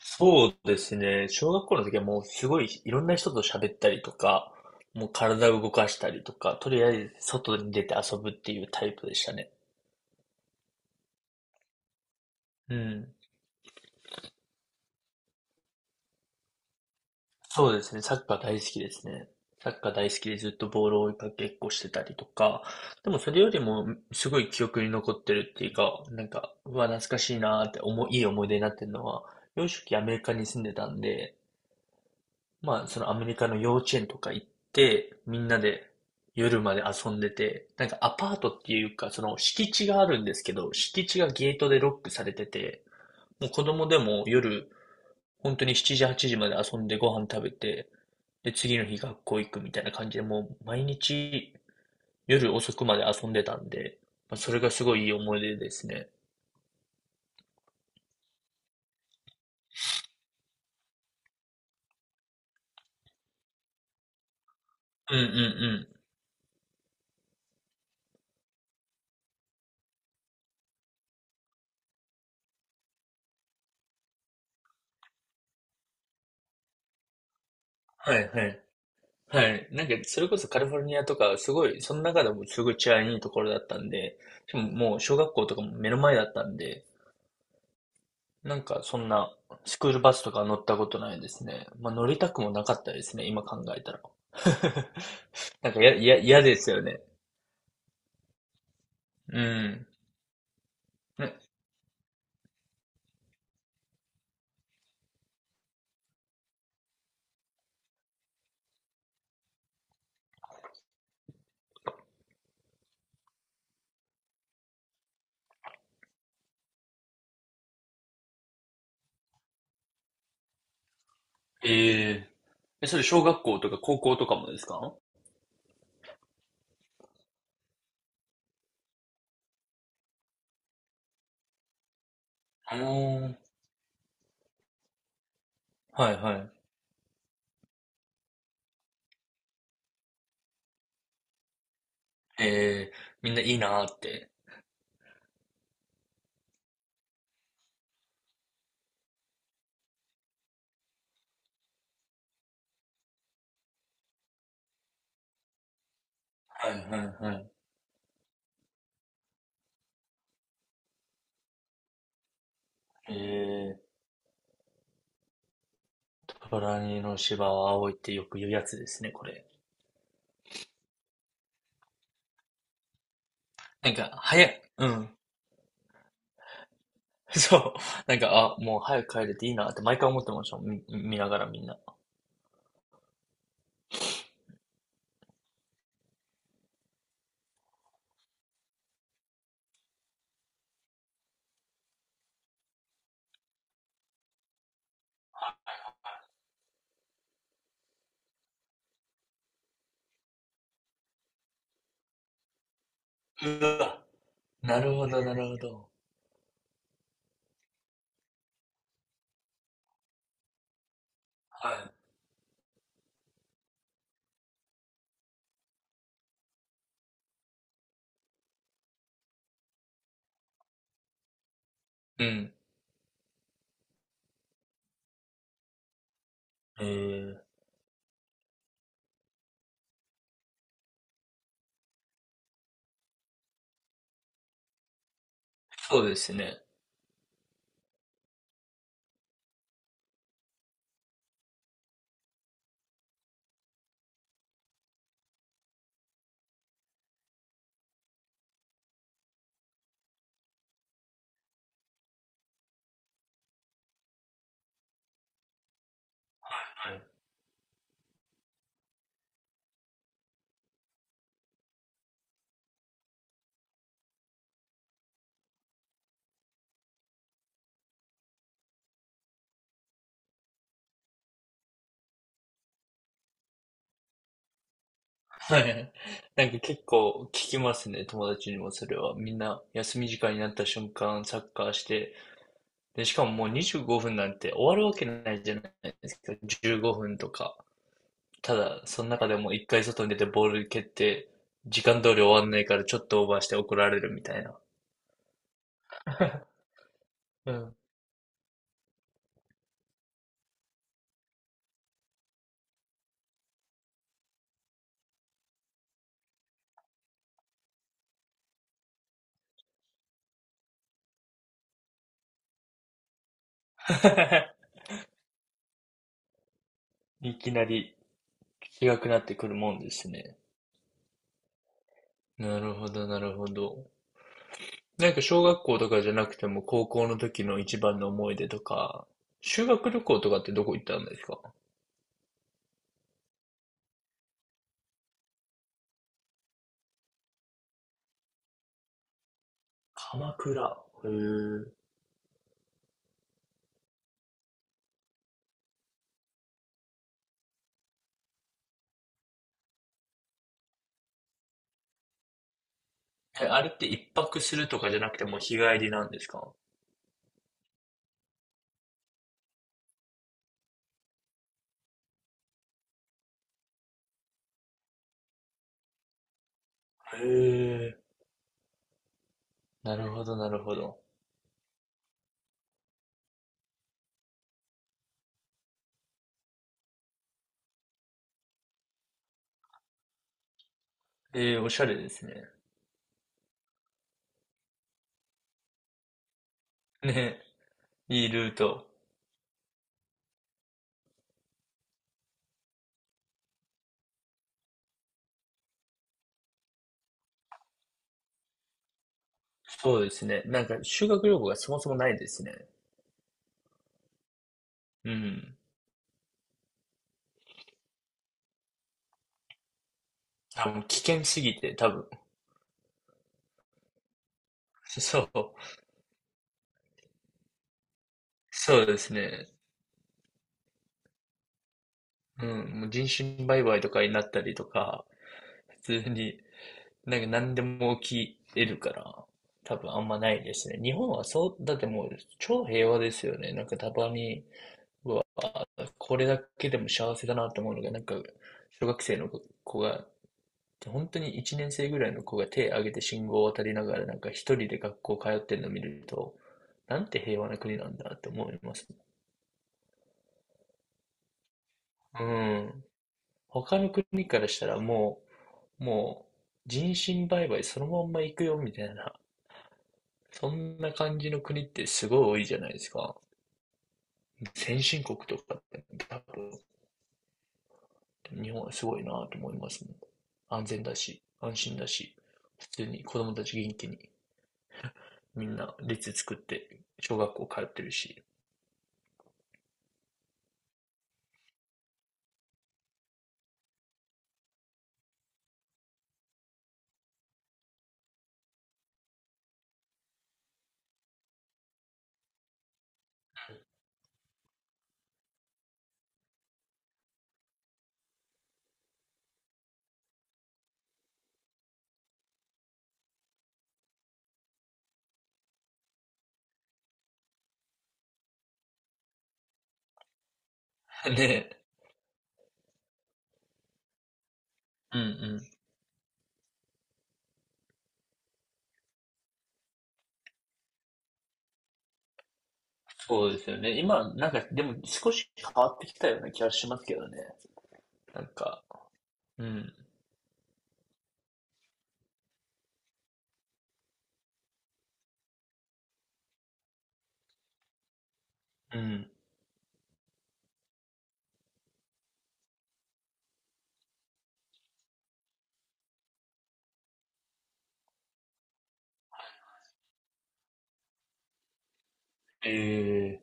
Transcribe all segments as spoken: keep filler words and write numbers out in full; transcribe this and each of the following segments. そうですね。小学校の時はもうすごいいろんな人と喋ったりとか、もう体を動かしたりとか、とりあえず外に出て遊ぶっていうタイプでしたね。うん。そうですね。サッカー大好きですね。サッカー大好きでずっとボールを追いかけっこしてたりとか、でもそれよりもすごい記憶に残ってるっていうか、なんか、うわ、懐かしいなーって思い、いい思い出になってるのは、幼少期アメリカに住んでたんで、まあ、そのアメリカの幼稚園とか行って、みんなで夜まで遊んでて、なんかアパートっていうか、その敷地があるんですけど、敷地がゲートでロックされてて、もう子供でも夜、本当にしちじ、はちじまで遊んでご飯食べて、で、次の日学校行くみたいな感じで、もう毎日夜遅くまで遊んでたんで、まあ、それがすごいいい思い出ですね。うんうんうん。はいはいはい。なんか、それこそカリフォルニアとか、すごい、その中でもすごい治安いいところだったんで、しかももう小学校とかも目の前だったんで、なんかそんなスクールバスとか乗ったことないですね。まあ乗りたくもなかったですね、今考えたら。なんかや、や、嫌ですよね。うん。ねえ。ええ、それ小学校とか高校とかもですか？おー、あの、はいはい。ええ、みんないいなーって。はいはいはい。ええー、トラにの芝は青いってよく言うやつですね、これ。なんか、早い。うん。そう。なんか、あ、もう早く帰れていいなって毎回思ってましたもん。み見ながらみんな。うわ。なるほど、なるほど。はい。うん。えー、そうですね。はい。はい。なんか結構聞きますね、友達にもそれは。みんな休み時間になった瞬間サッカーして、で、しかももうにじゅうごふんなんて終わるわけないじゃないですか。じゅうごふんとか。ただ、その中でも一回外に出てボール蹴って、時間通り終わんないからちょっとオーバーして怒られるみたいな。うん。いきなり違くなってくるもんですね。なるほど、なるほど。なんか小学校とかじゃなくても高校の時の一番の思い出とか、修学旅行とかってどこ行ったんですか？鎌倉。へえ。え、あれって一泊するとかじゃなくてもう日帰りなんですか？へえ。なるほど、なるほど。えー、おしゃれですね。ね、いいルート。そうですね。なんか修学旅行がそもそもないですね。うん。あ、もう危険すぎて、多分。そう。そうですね。うん。もう人身売買とかになったりとか、普通に、なんか何でも起き得るから、多分あんまないですね。日本はそう、だってもう超平和ですよね。なんかたまに、これだけでも幸せだなって思うのが、なんか、小学生の子が本当にいちねん生ぐらいの子が手を挙げて信号を渡りながら、なんか一人で学校通ってるのを見ると、なんて平和な国なんだって思いますね。うん。他の国からしたらもう、もう人身売買そのまんま行くよみたいな、そんな感じの国ってすごい多いじゃないですか。先進国とかって多分、日本はすごいなと思いますもん。安全だし、安心だし、普通に子供たち元気にみんな列作って小学校通ってるし。ねえ。うんうん。そうですよね。今、なんか、でも少し変わってきたような気がしますけどね。なんか、うん。うん。ええ。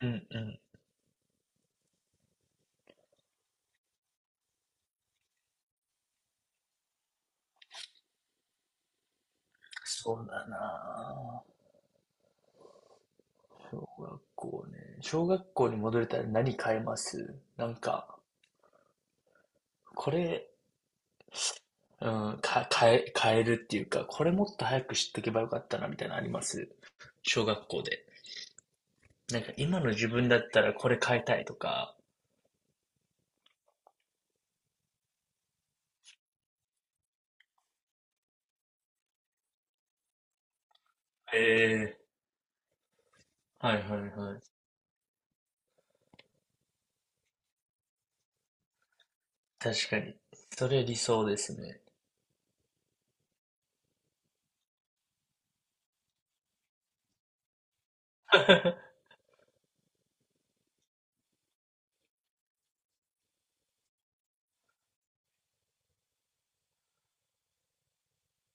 うんうん。そうだなぁ、小学校ね。小学校に戻れたら何変えます？なんか、これ、うん、か、変え、変えるっていうか、これもっと早く知っとけばよかったな、みたいなのあります？小学校で。なんか今の自分だったらこれ変えたいとか。ええ、はいはいはい。確かに。それ理想ですね。